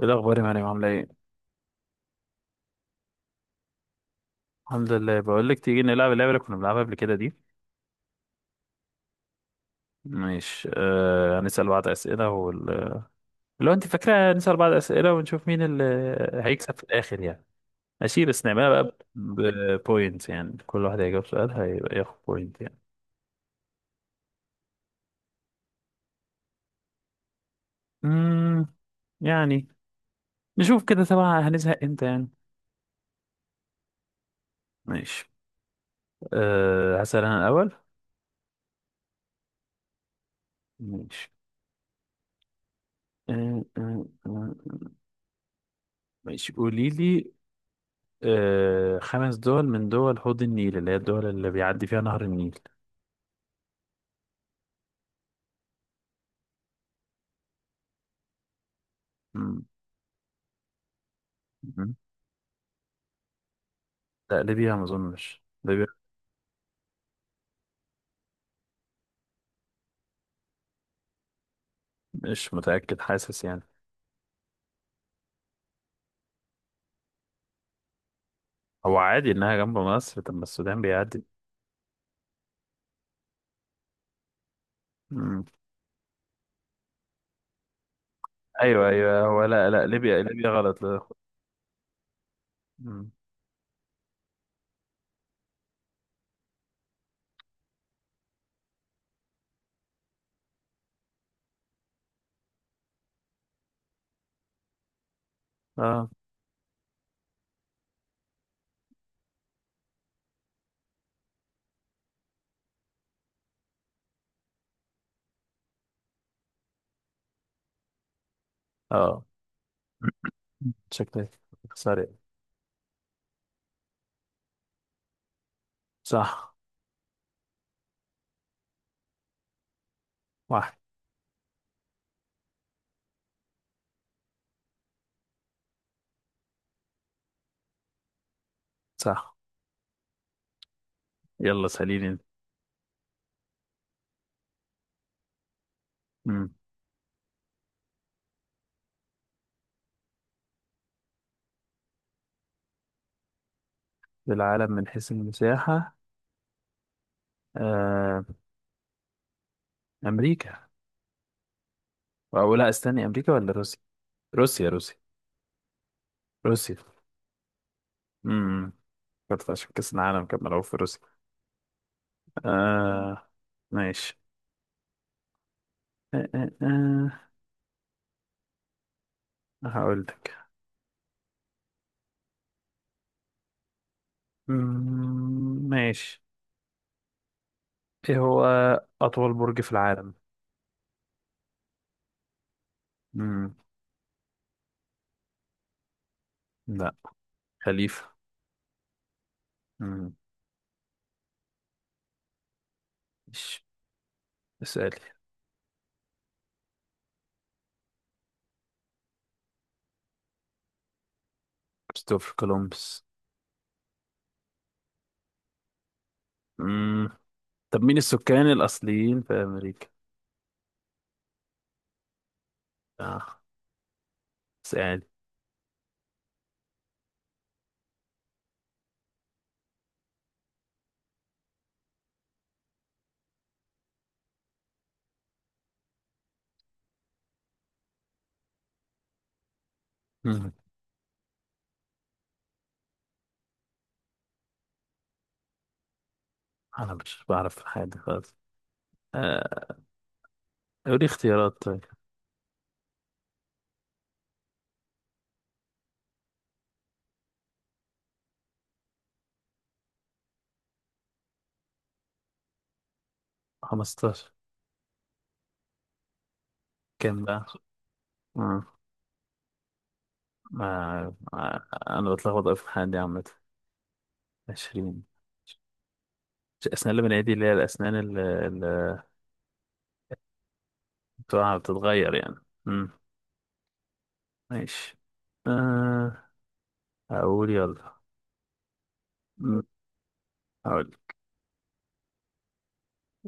ايه الاخبار يا مريم؟ عامله ايه؟ الحمد لله. بقول لك، تيجي نلعب اللعبه اللي كنا بنلعبها قبل كده دي؟ مش، هنسال بعض اسئله. لو انت فاكره، نسال بعض اسئله ونشوف مين اللي هيكسب في الاخر يعني. ماشي، بس نعملها بقى. بوينت يعني، كل واحد هيجاوب سؤال هيبقى ياخد بوينت يعني. امم يعني، نشوف كده طبعا هنزهق امتى يعني. ماشي. هسال انا الاول. ماشي. آه آه آه. آه. ماشي، قولي لي. 5 دول من دول حوض النيل، اللي هي الدول اللي بيعدي فيها نهر النيل؟ مم. مم. لا، ليبيا ما اظنش ليبيا. مش متأكد، حاسس يعني. هو عادي انها جنب مصر؟ طب ما السودان بيعدي. مم. ايوه ايوه، هو لا لا، ليبيا ليبيا غلط، لا. مم. اه. اه. شكلك سريع. صح. واحد. صح. يلا، سأليني انت. مم. العالم من حيث المساحة. آه. امريكا. او لا، استني، امريكا ولا روسيا؟ روسيا، روسيا. روسيا. امم كانت عشان كأس العالم كان ملعوب في روسيا. آه. ماشي. آه آه آه. هقول لك. مم، ماشي. ايه هو أطول برج في العالم؟ مم. لا. خليفة. مم. مش اسألي. كريستوفر كولومبس. مم. طب مين السكان الأصليين في أمريكا؟ آه. اسألي. مم. أنا مش بعرف حاجة خالص. آه. قولي اختيارات طيب. 15. كام بقى؟ انا بتلخبط أوي في الحاجات دي عامه. 20. الاسنان اللي بنعيدي، اللي هي الاسنان اللي بتوعها بتتغير يعني. امم ماشي. أه. هقول، يلا. أمم، هقول.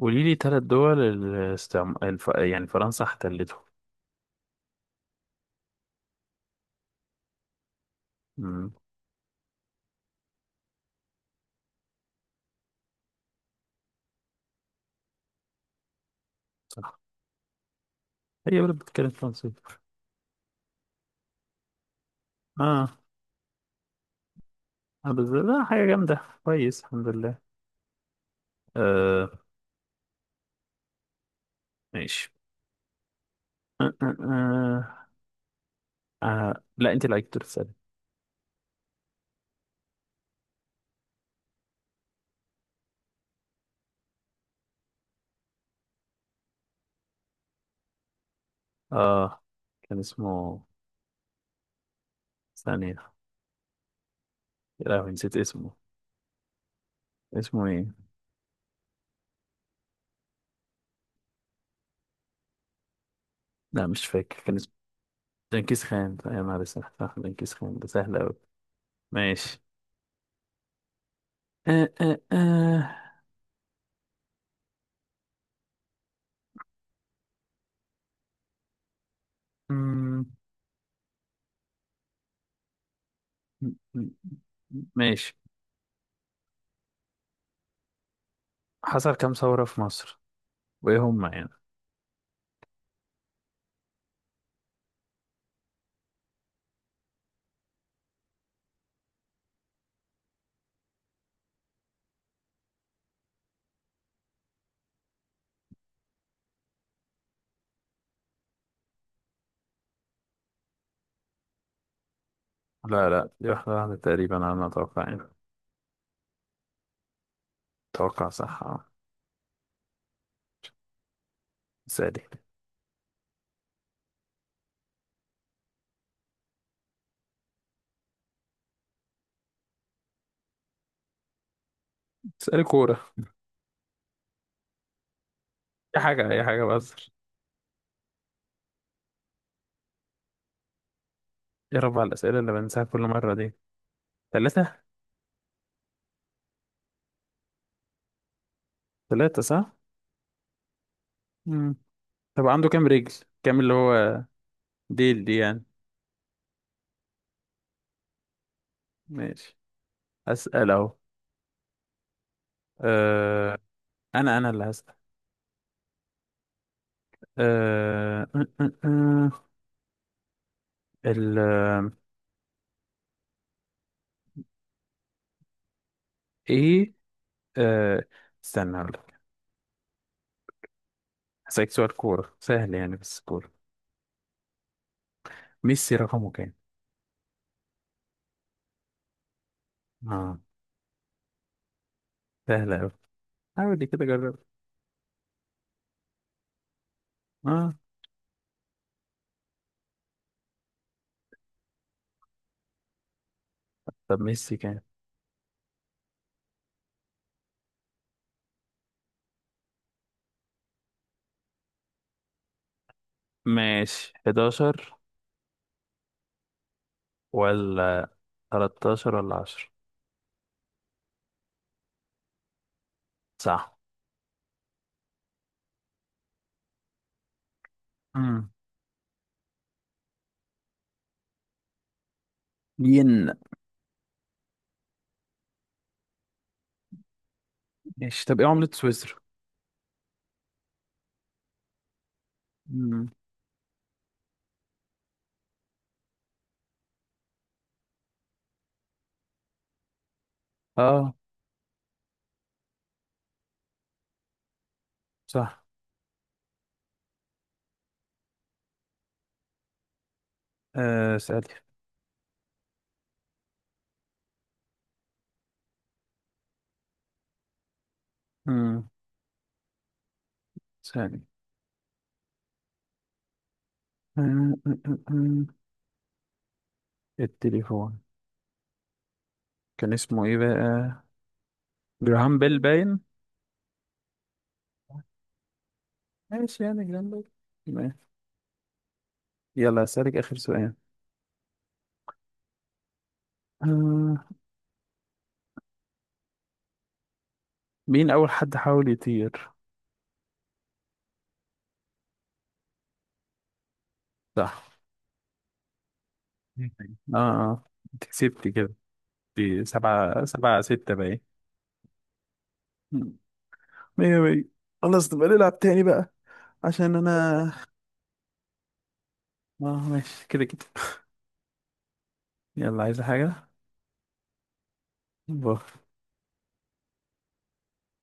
قولي لي 3 دول يعني فرنسا احتلته. امم صح. هي بلد بتتكلم فرنسي؟ اه. آه، بس لا حاجه جامده، كويس الحمد لله. آه. ماشي. آه آه آه. لا، انت اللي عليك تسألي. اه. كان اسمه، ثانية، يا لهوي نسيت اسمه، اسمه ايه؟ لا مش فاكر كان اسمه. دنكيز خان، يا نهار اسود، صح، دنكيز خان ده سهل اوي. ماشي. آه آه آه. مم، مم، مم، ماشي. حصل كام ثورة في مصر؟ وايه هم يعني؟ لا لا، دي واحدة واحدة تقريبا على ما اتوقع يعني. اتوقع، صح، اه. سألي. سألي كورة. اي حاجة اي حاجة، بهزر. يا رب على الأسئلة اللي بنساها كل مرة دي. ثلاثة. ثلاثة صح. مم. طب عنده كام رجل؟ كام اللي هو، ديل دي يعني؟ ماشي. أسأل اهو. أه... انا اللي هسأل. أه... أه... أه... أه. ال آه، ايه. أه... استنى، هقول لك. هسألك سؤال كورة سهل يعني، بس كورة. ميسي رقمه كام؟ اه. سهل أوي. حاول دي كده، جرب. اه. طب ميسي كام؟ ماشي، 11 ولا 13 ولا 10؟ صح. امم ين. ماشي. طب ايه عملة سويسرا؟ امم اه. صح. سألي. امم سألي. أه... أه... أه... أه. آه. التليفون. كان اسمه ايه بقى؟ جراهام بيل باين. ماشي يعني، جراهام بيل. ماشي. يلا، أسألك آخر سؤال. آه. مين أول حد حاول يطير؟ صح. مم. اه اه، انت كسبتي كده. دي سبعة سبعة ستة باين. مم. مية مية. خلاص، نبقى نلعب تاني بقى. عشان انا. اه، ماشي كده كده. يلا، عايزة حاجة؟ باي.